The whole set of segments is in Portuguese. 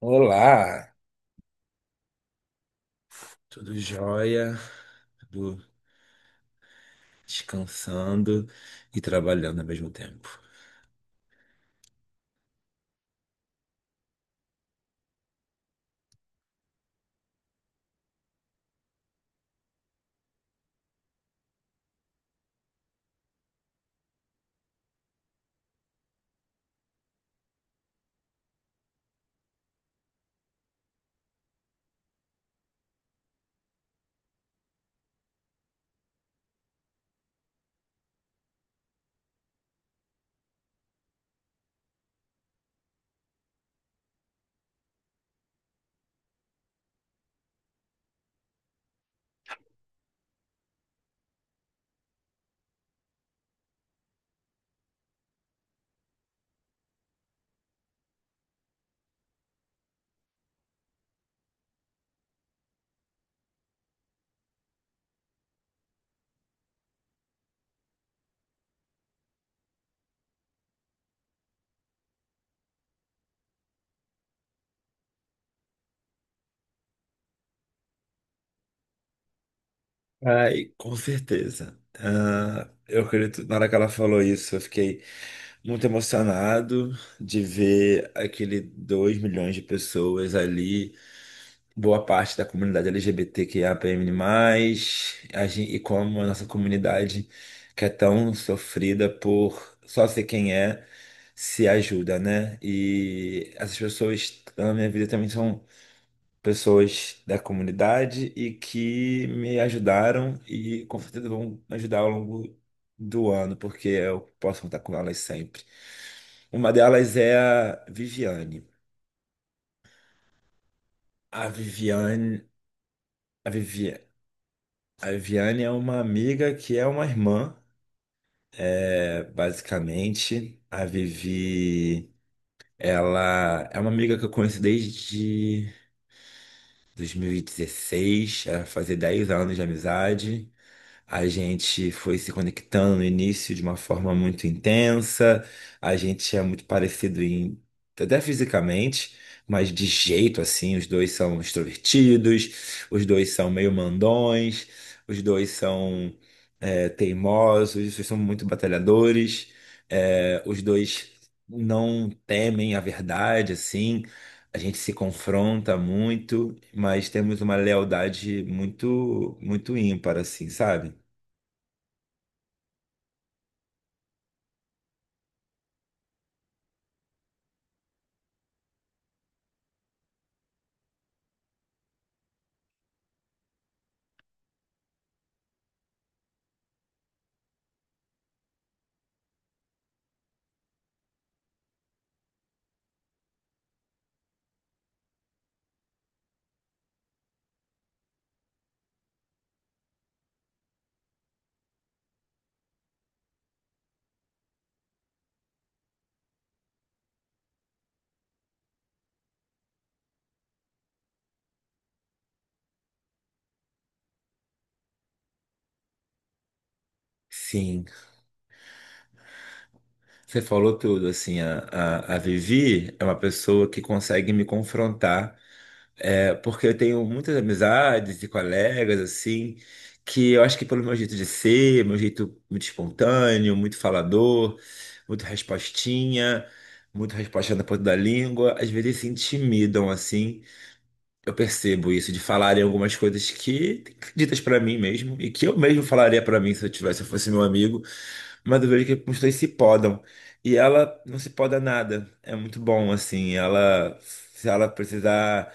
Olá, tudo jóia? Tudo descansando e trabalhando ao mesmo tempo. Ai, com certeza. Ah, eu acredito, na hora que ela falou isso, eu fiquei muito emocionado de ver aquele 2 milhões de pessoas ali. Boa parte da comunidade LGBTQIAPN+, e como a nossa comunidade, que é tão sofrida por só ser quem é, se ajuda, né? E essas pessoas na minha vida também são pessoas da comunidade e que me ajudaram e com certeza vão ajudar ao longo do ano, porque eu posso contar com elas sempre. Uma delas é a Viviane. A Viviane. A Viviane. A Viviane é uma amiga que é uma irmã, é, basicamente. A Vivi, ela é uma amiga que eu conheço desde 2016, ela fazia 10 anos de amizade. A gente foi se conectando no início de uma forma muito intensa. A gente é muito parecido em, até fisicamente, mas de jeito assim, os dois são extrovertidos, os dois são meio mandões, os dois são teimosos, os dois são muito batalhadores, os dois não temem a verdade, assim. A gente se confronta muito, mas temos uma lealdade muito, muito ímpar, assim, sabe? Sim, você falou tudo, assim, a Vivi é uma pessoa que consegue me confrontar, porque eu tenho muitas amizades e colegas, assim, que eu acho que pelo meu jeito de ser, meu jeito muito espontâneo, muito falador, muito respostinha, muito resposta na ponta da língua, às vezes se intimidam, assim, eu percebo isso, de falarem algumas coisas que ditas pra mim mesmo, e que eu mesmo falaria pra mim se eu tivesse, se eu fosse meu amigo. Mas eu vejo que os dois se podam. E ela não se poda nada. É muito bom, assim. Ela, se ela precisar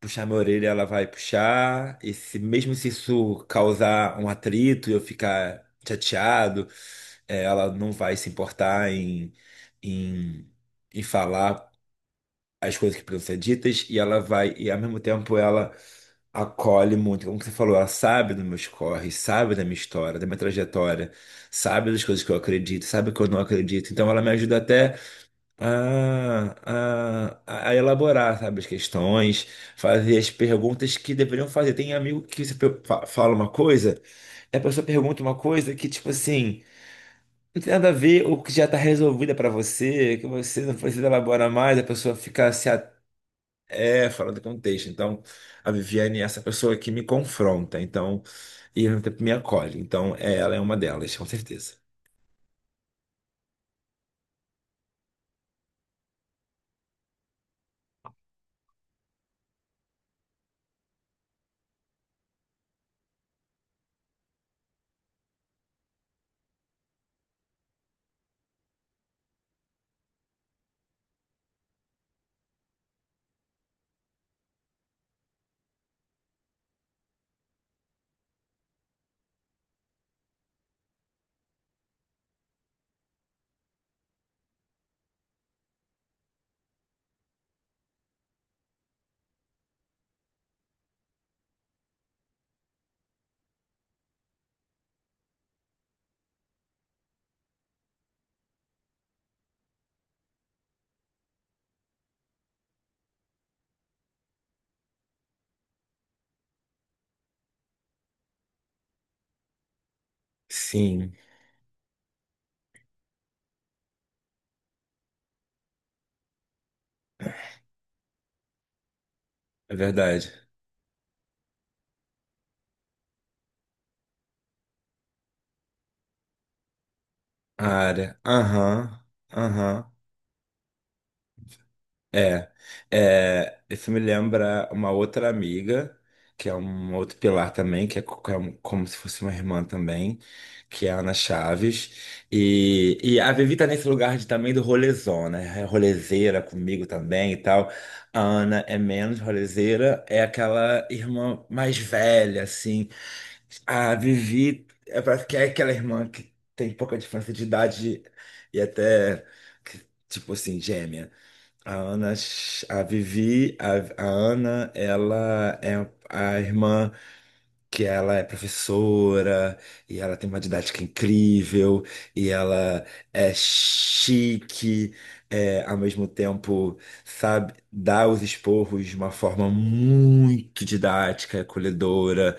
puxar minha orelha, ela vai puxar. E se, mesmo se isso causar um atrito e eu ficar chateado, ela não vai se importar em, em, falar as coisas que precisam ser ditas. E ela vai, e ao mesmo tempo, ela acolhe muito, como você falou, ela sabe dos meus corres, sabe da minha história, da minha trajetória, sabe das coisas que eu acredito, sabe que eu não acredito. Então ela me ajuda até a elaborar, sabe, as questões, fazer as perguntas que deveriam fazer. Tem amigo que você fala uma coisa, e a pessoa pergunta uma coisa que, tipo assim, não tem nada a ver, ou que já está resolvida para você, que você não precisa elaborar mais, a pessoa fica se fora do contexto. Então, a Viviane é essa pessoa que me confronta, então, e ao mesmo tempo me acolhe. Então, ela é uma delas, com certeza. Sim, é verdade. A área. Aham, aham. É, isso me lembra uma outra amiga, que é um outro pilar também, que é, como se fosse uma irmã também, que é a Ana Chaves. E a Vivi tá nesse lugar de, também do rolezão, né? É rolezeira comigo também e tal. A Ana é menos rolezeira, é aquela irmã mais velha, assim. A Vivi é, parece que é aquela irmã que tem pouca diferença de idade e até, que, tipo assim, gêmea. A Ana, a Vivi, a Ana, ela é a irmã que ela é professora e ela tem uma didática incrível e ela é chique, é, ao mesmo tempo, sabe, dá os esporros de uma forma muito didática, acolhedora.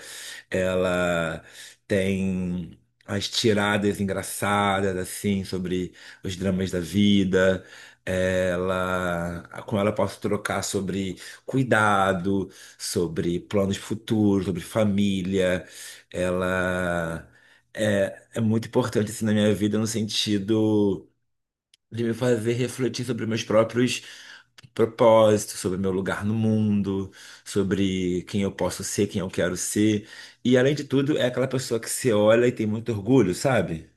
Ela tem as tiradas engraçadas, assim, sobre os dramas da vida. Ela, com ela eu posso trocar sobre cuidado, sobre planos futuros, sobre família. Ela é muito importante assim, na minha vida no sentido de me fazer refletir sobre meus próprios propósitos, sobre meu lugar no mundo, sobre quem eu posso ser, quem eu quero ser. E além de tudo, é aquela pessoa que se olha e tem muito orgulho, sabe?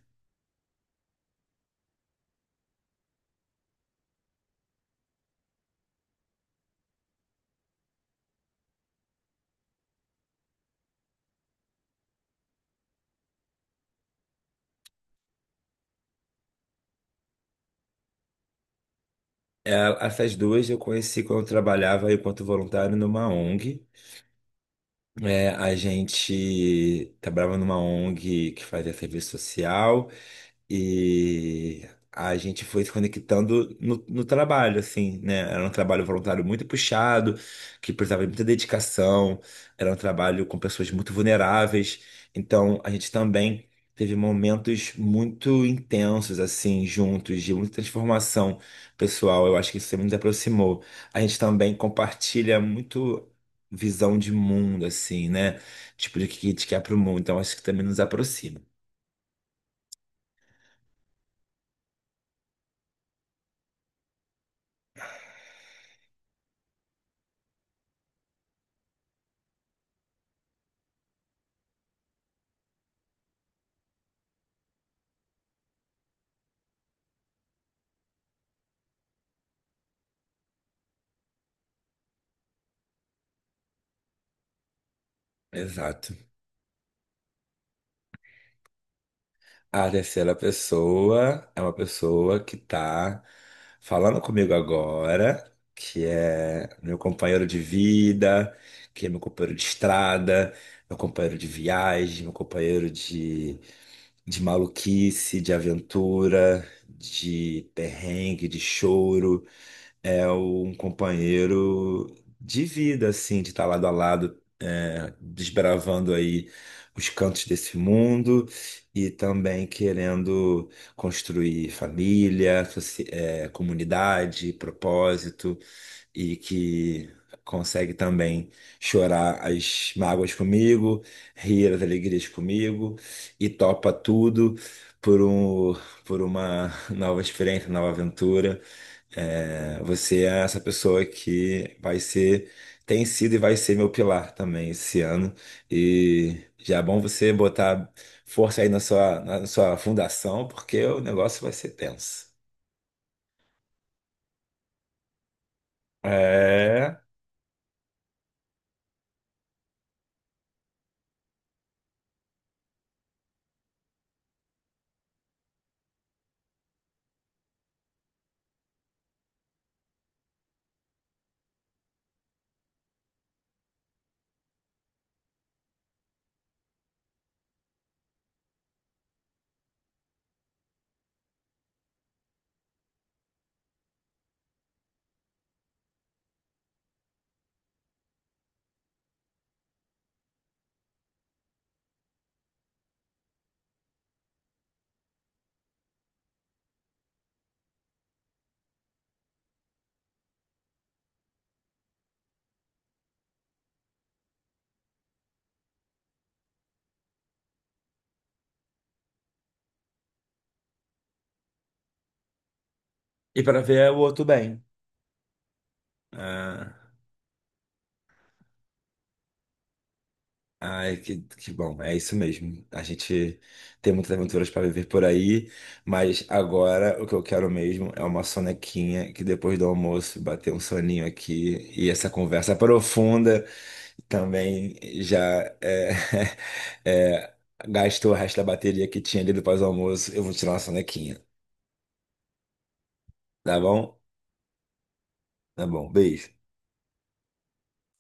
Essas duas eu conheci quando eu trabalhava enquanto voluntário numa ONG. A gente trabalhava numa ONG que fazia serviço social. E a gente foi se conectando no trabalho, assim, né? Era um trabalho voluntário muito puxado, que precisava de muita dedicação, era um trabalho com pessoas muito vulneráveis. Então, a gente também teve momentos muito intensos, assim, juntos, de muita transformação pessoal. Eu acho que isso nos aproximou. A gente também compartilha muito. Visão de mundo, assim, né? Tipo, de que a gente quer pro mundo. Então, acho que também nos aproxima. Exato. A terceira pessoa é uma pessoa que tá falando comigo agora, que é meu companheiro de vida, que é meu companheiro de estrada, meu companheiro de viagem, meu companheiro de maluquice, de aventura, de perrengue, de choro, é um companheiro de vida, assim, de estar lado a lado, desbravando aí os cantos desse mundo e também querendo construir família, comunidade, propósito e que consegue também chorar as mágoas comigo, rir as alegrias comigo e topa tudo por um, por uma nova experiência, nova aventura. Você é essa pessoa que vai ser, tem sido e vai ser meu pilar também esse ano. E já é bom você botar força aí na sua fundação, porque o negócio vai ser tenso. É, e para ver o outro bem. Ah, ai, que bom, é isso mesmo. A gente tem muitas aventuras para viver por aí, mas agora o que eu quero mesmo é uma sonequinha, que depois do almoço bater um soninho aqui e essa conversa profunda. Também já é, é, gastou o resto da bateria que tinha ali do pós-almoço. Eu vou tirar uma sonequinha, tá bom? Tá bom, beijo.